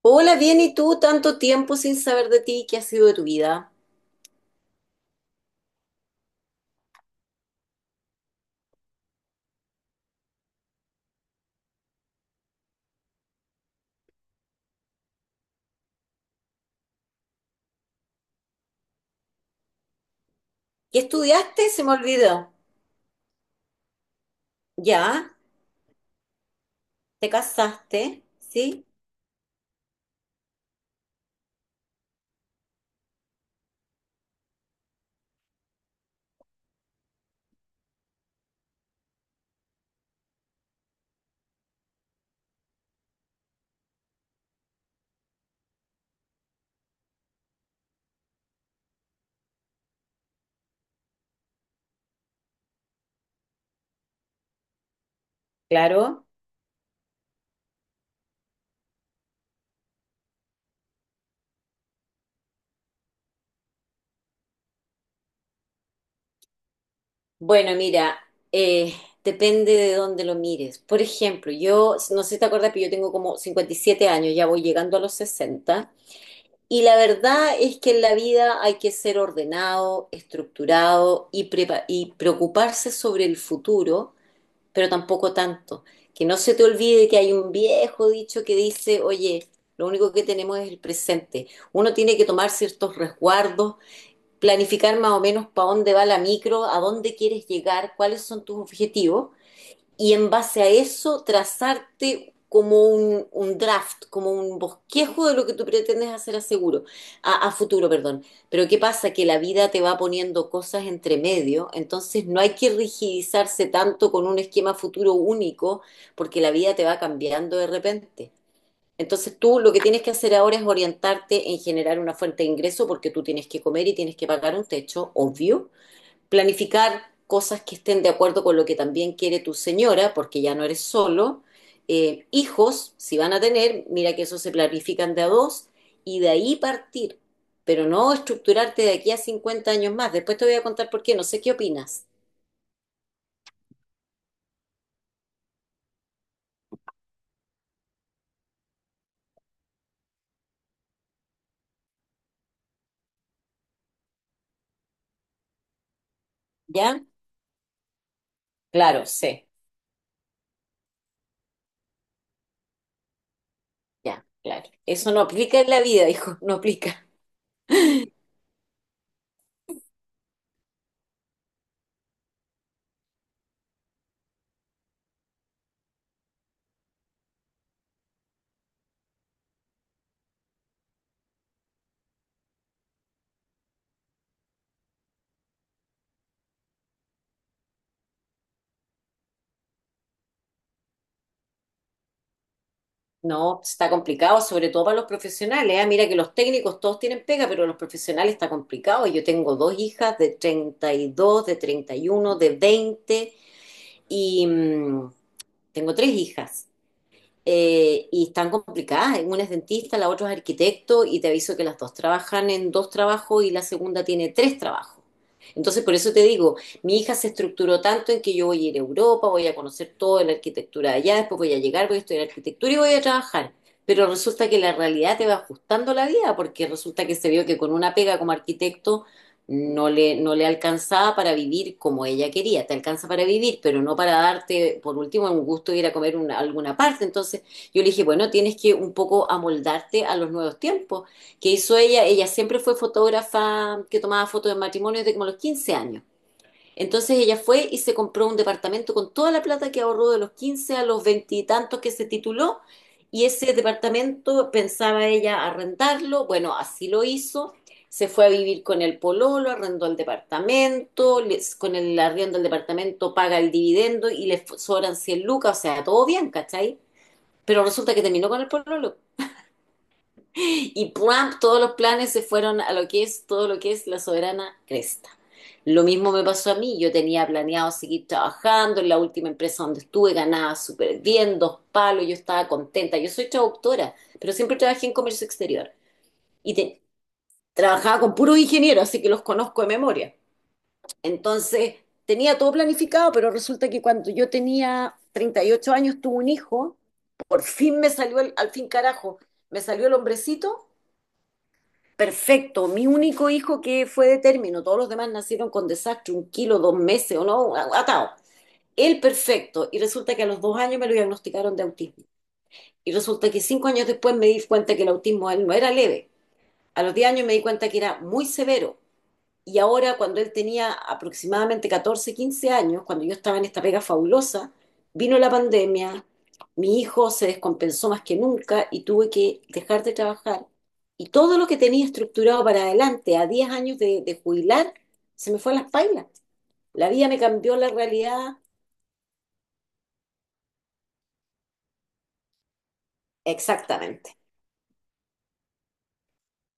Hola, bien, ¿y tú? Tanto tiempo sin saber de ti, ¿qué ha sido de tu vida? ¿Qué estudiaste? Se me olvidó. ¿Ya? ¿Te casaste? ¿Sí? Claro. Bueno, mira, eh, depende de dónde lo mires. Por ejemplo, yo, no sé si te acuerdas, pero yo tengo como 57 años, ya voy llegando a los 60. Y la verdad es que en la vida hay que ser ordenado, estructurado y, y preocuparse sobre el futuro, pero tampoco tanto. Que no se te olvide que hay un viejo dicho que dice, oye, lo único que tenemos es el presente. Uno tiene que tomar ciertos resguardos, planificar más o menos para dónde va la micro, a dónde quieres llegar, cuáles son tus objetivos, y en base a eso trazarte como un draft, como un bosquejo de lo que tú pretendes hacer a seguro, a futuro, perdón. Pero ¿qué pasa? Que la vida te va poniendo cosas entre medio, entonces no hay que rigidizarse tanto con un esquema futuro único, porque la vida te va cambiando de repente. Entonces tú lo que tienes que hacer ahora es orientarte en generar una fuente de ingreso, porque tú tienes que comer y tienes que pagar un techo, obvio, planificar cosas que estén de acuerdo con lo que también quiere tu señora, porque ya no eres solo. Hijos, si van a tener, mira que eso se planifican de a dos y de ahí partir, pero no estructurarte de aquí a 50 años más. Después te voy a contar por qué, no sé qué opinas. ¿Ya? Claro, sé. Ya, claro. Eso no aplica en la vida, hijo, no aplica. No, está complicado, sobre todo para los profesionales. Ah. Mira que los técnicos todos tienen pega, pero los profesionales está complicado. Yo tengo dos hijas de 32, de 31, de 20 y mm, tengo tres hijas, y están complicadas. Una es dentista, la otra es arquitecto y te aviso que las dos trabajan en dos trabajos y la segunda tiene tres trabajos. Entonces, por eso te digo, mi hija se estructuró tanto en que yo voy a ir a Europa, voy a conocer toda la arquitectura de allá, después voy a llegar, voy a estudiar arquitectura y voy a trabajar. Pero resulta que la realidad te va ajustando la vida, porque resulta que se vio que con una pega como arquitecto no le alcanzaba para vivir como ella quería. Te alcanza para vivir, pero no para darte, por último, un gusto de ir a comer alguna parte. Entonces yo le dije, bueno, tienes que un poco amoldarte a los nuevos tiempos. ¿Qué hizo ella? Ella siempre fue fotógrafa que tomaba fotos de matrimonios desde como los 15 años. Entonces ella fue y se compró un departamento con toda la plata que ahorró de los 15 a los veintitantos, que se tituló, y ese departamento pensaba ella arrendarlo. Bueno, así lo hizo. Se fue a vivir con el pololo, arrendó el departamento, con el arriendo del departamento paga el dividendo y sobran 100 lucas, o sea, todo bien, ¿cachai? Pero resulta que terminó con el pololo. Y ¡pum! Todos los planes se fueron a lo que es todo lo que es la soberana cresta. Lo mismo me pasó a mí, yo tenía planeado seguir trabajando en la última empresa donde estuve, ganaba súper bien, dos palos, yo estaba contenta, yo soy traductora, pero siempre trabajé en comercio exterior y te- trabajaba con puros ingenieros, así que los conozco de memoria. Entonces, tenía todo planificado, pero resulta que cuando yo tenía 38 años, tuve un hijo, por fin me salió al fin carajo, me salió el hombrecito. Perfecto, mi único hijo que fue de término, todos los demás nacieron con desastre, un kilo, dos meses o no, atado. Él perfecto, y resulta que a los 2 años me lo diagnosticaron de autismo. Y resulta que 5 años después me di cuenta que el autismo de él no era leve. A los diez años me di cuenta que era muy severo. Y ahora, cuando él tenía aproximadamente 14 15 años, cuando yo estaba en esta pega fabulosa, vino la pandemia, mi hijo se descompensó más que nunca y tuve que dejar de trabajar. Y todo lo que tenía estructurado para adelante, a 10 años de jubilar, se me fue a las pailas. La vida me cambió la realidad. Exactamente.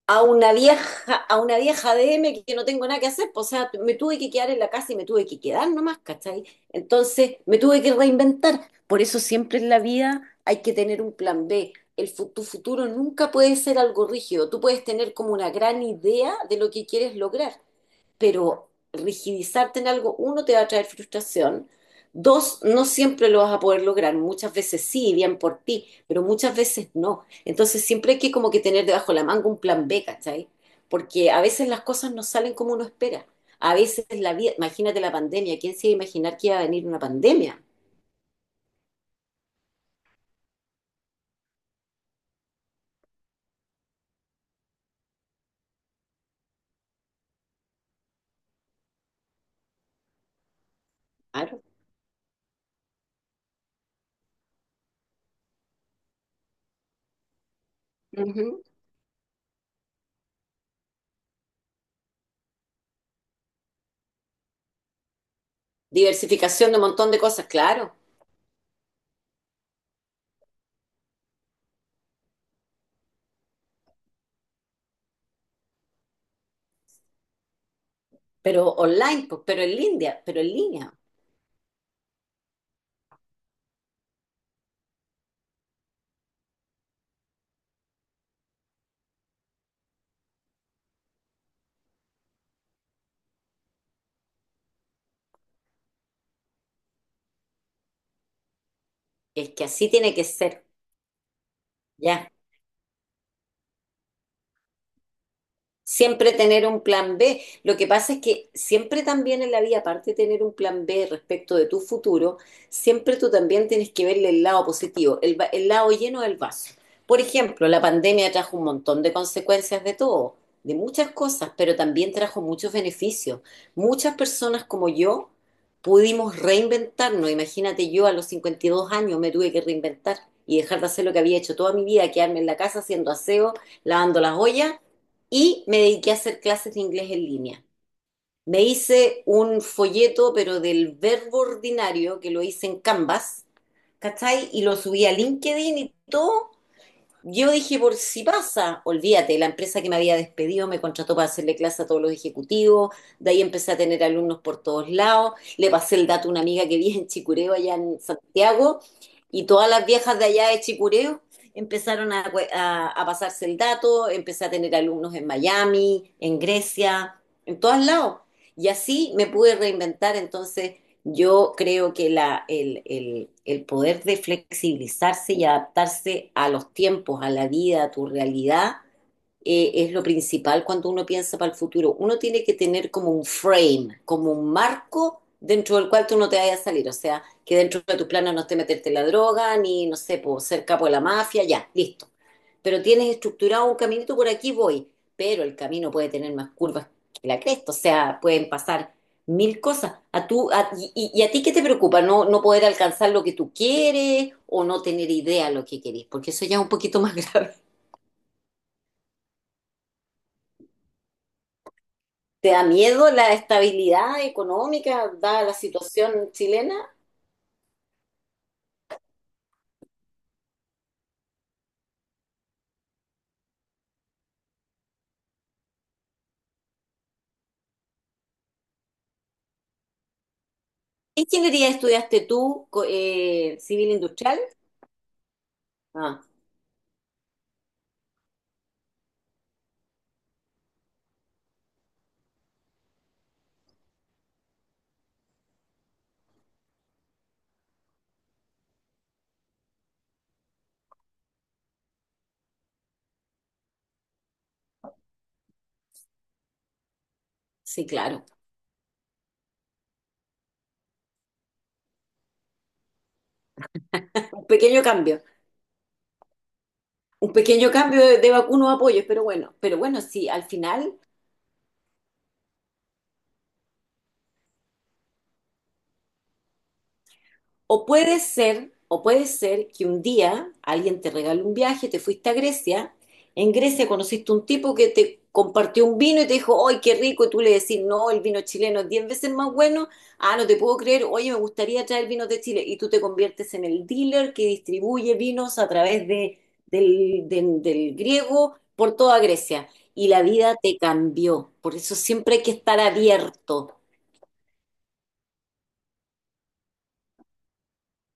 A una vieja, a una vieja DM que no tengo nada que hacer, pues, o sea, me tuve que quedar en la casa y me tuve que quedar nomás, ¿cachai? Entonces me tuve que reinventar. Por eso siempre en la vida hay que tener un plan B. Tu futuro nunca puede ser algo rígido. Tú puedes tener como una gran idea de lo que quieres lograr, pero rigidizarte en algo, uno, te va a traer frustración. Dos, no siempre lo vas a poder lograr. Muchas veces sí, bien por ti, pero muchas veces no. Entonces siempre hay que como que tener debajo de la manga un plan B, ¿cachai? Porque a veces las cosas no salen como uno espera. A veces la vida, imagínate la pandemia, ¿quién se iba a imaginar que iba a venir una pandemia? Claro. Ujú. Diversificación de un montón de cosas, claro. Pero online, pues, pero en línea, pero en línea. Es que así tiene que ser, ya. Siempre tener un plan B. Lo que pasa es que siempre también en la vida, aparte de tener un plan B respecto de tu futuro, siempre tú también tienes que verle el lado positivo, el lado lleno del vaso. Por ejemplo, la pandemia trajo un montón de consecuencias de todo, de muchas cosas, pero también trajo muchos beneficios. Muchas personas como yo pudimos reinventarnos. Imagínate, yo a los 52 años me tuve que reinventar y dejar de hacer lo que había hecho toda mi vida, quedarme en la casa haciendo aseo, lavando las ollas, y me dediqué a hacer clases de inglés en línea. Me hice un folleto, pero del verbo ordinario, que lo hice en Canvas, ¿cachai? Y lo subí a LinkedIn y todo, yo dije, por si pasa, olvídate, la empresa que me había despedido me contrató para hacerle clase a todos los ejecutivos, de ahí empecé a tener alumnos por todos lados, le pasé el dato a una amiga que vive en Chicureo, allá en Santiago, y todas las viejas de allá de Chicureo empezaron a pasarse el dato, empecé a tener alumnos en Miami, en Grecia, en todos lados. Y así me pude reinventar, entonces yo creo que el poder de flexibilizarse y adaptarse a los tiempos, a la vida, a tu realidad, es lo principal cuando uno piensa para el futuro. Uno tiene que tener como un frame, como un marco dentro del cual tú no te vayas a salir. O sea, que dentro de tus planes no esté meterte la droga, ni, no sé, por ser capo de la mafia, ya, listo. Pero tienes estructurado un caminito, por aquí voy. Pero el camino puede tener más curvas que la cresta. O sea, pueden pasar mil cosas. ¿Y, y a ti qué te preocupa? ¿No, no poder alcanzar lo que tú quieres o no tener idea de lo que querés? Porque eso ya es un poquito más grave. ¿Te da miedo la estabilidad económica, dada la situación chilena? ¿Qué ingeniería estudiaste tú, civil industrial? Ah, sí, claro. Un pequeño cambio, un pequeño cambio de algunos apoyos, pero bueno, sí, al final. O puede ser que un día alguien te regale un viaje, te fuiste a Grecia, en Grecia conociste un tipo que te compartió un vino y te dijo, ¡ay, qué rico! Y tú le decís, no, el vino chileno es 10 veces más bueno. Ah, no te puedo creer, oye, me gustaría traer vinos de Chile. Y tú te conviertes en el dealer que distribuye vinos a través de, del, del del griego por toda Grecia. Y la vida te cambió. Por eso siempre hay que estar abierto.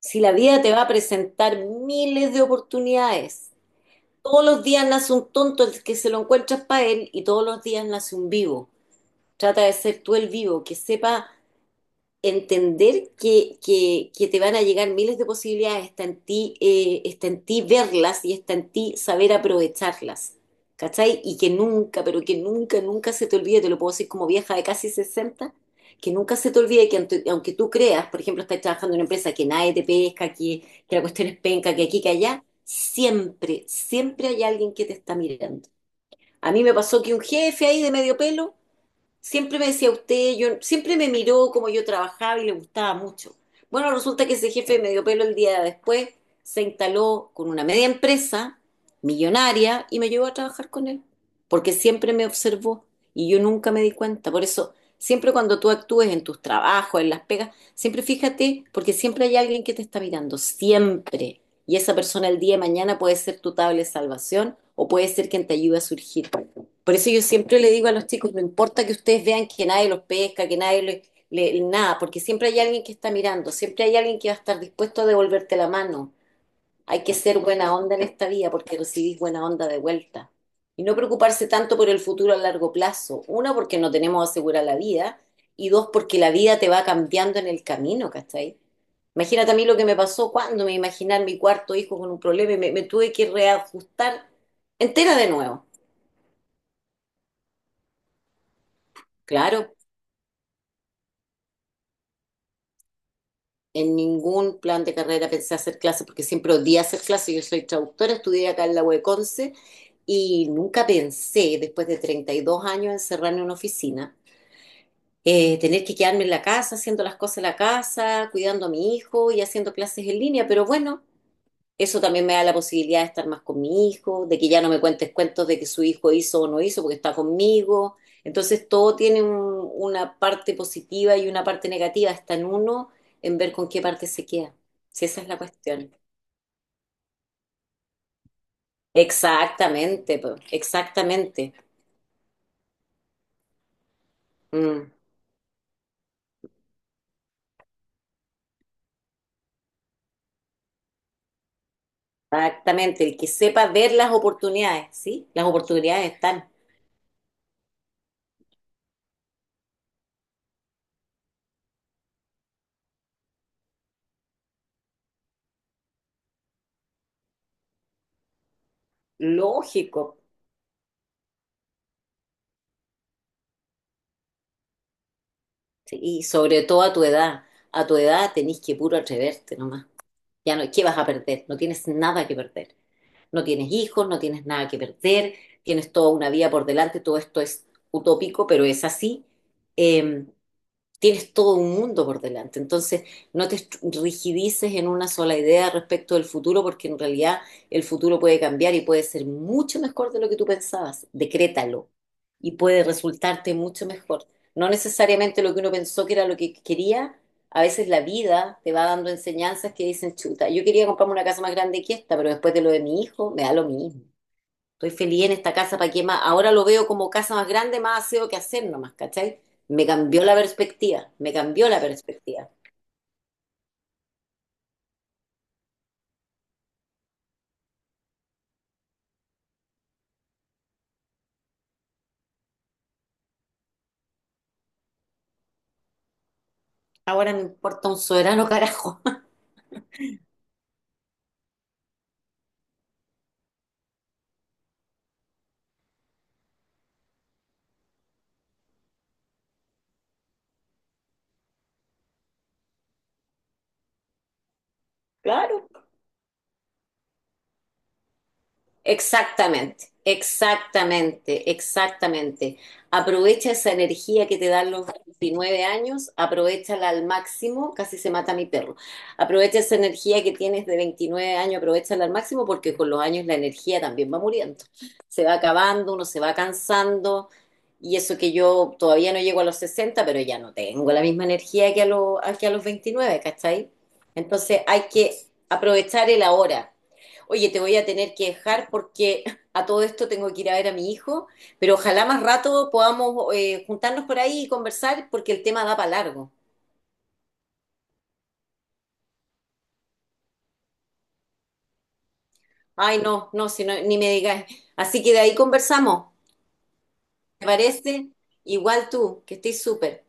Si la vida te va a presentar miles de oportunidades, todos los días nace un tonto, el que se lo encuentras para él, y todos los días nace un vivo. Trata de ser tú el vivo, que sepa entender que te van a llegar miles de posibilidades, está en ti verlas y está en ti saber aprovecharlas. ¿Cachai? Y que nunca, pero que nunca, nunca se te olvide, te lo puedo decir como vieja de casi 60, que nunca se te olvide que aunque tú creas, por ejemplo, estás trabajando en una empresa que nadie te pesca, que la cuestión es penca, que aquí, que allá, siempre, siempre hay alguien que te está mirando. A mí me pasó que un jefe ahí de medio pelo siempre me decía usted, yo, siempre me miró como yo trabajaba y le gustaba mucho. Bueno, resulta que ese jefe de medio pelo el día después se instaló con una media empresa millonaria y me llevó a trabajar con él, porque siempre me observó y yo nunca me di cuenta. Por eso, siempre cuando tú actúes en tus trabajos, en las pegas, siempre fíjate, porque siempre hay alguien que te está mirando, siempre. Y esa persona el día de mañana puede ser tu tabla de salvación o puede ser quien te ayude a surgir. Por eso yo siempre le digo a los chicos, no importa que ustedes vean que nadie los pesca, que nadie le, le- nada, porque siempre hay alguien que está mirando, siempre hay alguien que va a estar dispuesto a devolverte la mano. Hay que ser buena onda en esta vida porque recibís buena onda de vuelta. Y no preocuparse tanto por el futuro a largo plazo. Una, porque no tenemos asegurada la vida. Y dos, porque la vida te va cambiando en el camino, ¿cachai? Imagínate a mí lo que me pasó cuando me imaginé a mi cuarto hijo con un problema y me tuve que reajustar entera de nuevo. Claro. En ningún plan de carrera pensé hacer clases porque siempre odié hacer clases. Yo soy traductora, estudié acá en la UECONCE y nunca pensé, después de 32 años, encerrarme en una oficina, tener que quedarme en la casa, haciendo las cosas en la casa, cuidando a mi hijo y haciendo clases en línea. Pero bueno, eso también me da la posibilidad de estar más con mi hijo, de que ya no me cuentes cuentos de que su hijo hizo o no hizo porque está conmigo. Entonces todo tiene una parte positiva y una parte negativa. Está en uno en ver con qué parte se queda. Si esa es la cuestión. Exactamente, po, exactamente. Mm, exactamente. El que sepa ver las oportunidades, ¿sí? Las oportunidades están. Lógico. Sí, y sobre todo a tu edad. A tu edad tenés que puro atreverte nomás. Ya no, ¿qué vas a perder? No tienes nada que perder. No tienes hijos, no tienes nada que perder, tienes toda una vida por delante, todo esto es utópico, pero es así. Eh, tienes todo un mundo por delante. Entonces, no te rigidices en una sola idea respecto del futuro, porque en realidad el futuro puede cambiar y puede ser mucho mejor de lo que tú pensabas. Decrétalo y puede resultarte mucho mejor. No necesariamente lo que uno pensó que era lo que quería. A veces la vida te va dando enseñanzas que dicen, chuta, yo quería comprarme una casa más grande que esta, pero después de lo de mi hijo, me da lo mismo. Estoy feliz en esta casa, ¿para qué más? Ahora lo veo como casa más grande, más aseo que hacer nomás, ¿cachai? Me cambió la perspectiva, me cambió la perspectiva. Ahora me importa un soberano carajo. Claro. Exactamente, exactamente, exactamente. Aprovecha esa energía que te dan los 29 años, aprovéchala al máximo, casi se mata mi perro. Aprovecha esa energía que tienes de 29 años, aprovéchala al máximo porque con los años la energía también va muriendo. Se va acabando, uno se va cansando y eso que yo todavía no llego a los 60, pero ya no tengo la misma energía que a los 29, ¿cachai? Entonces hay que aprovechar el ahora. Oye, te voy a tener que dejar porque a todo esto tengo que ir a ver a mi hijo, pero ojalá más rato podamos juntarnos por ahí y conversar porque el tema da para largo. Ay, no, no, si no, ni me digas. Así que de ahí conversamos, ¿te parece? Igual tú, que estés súper.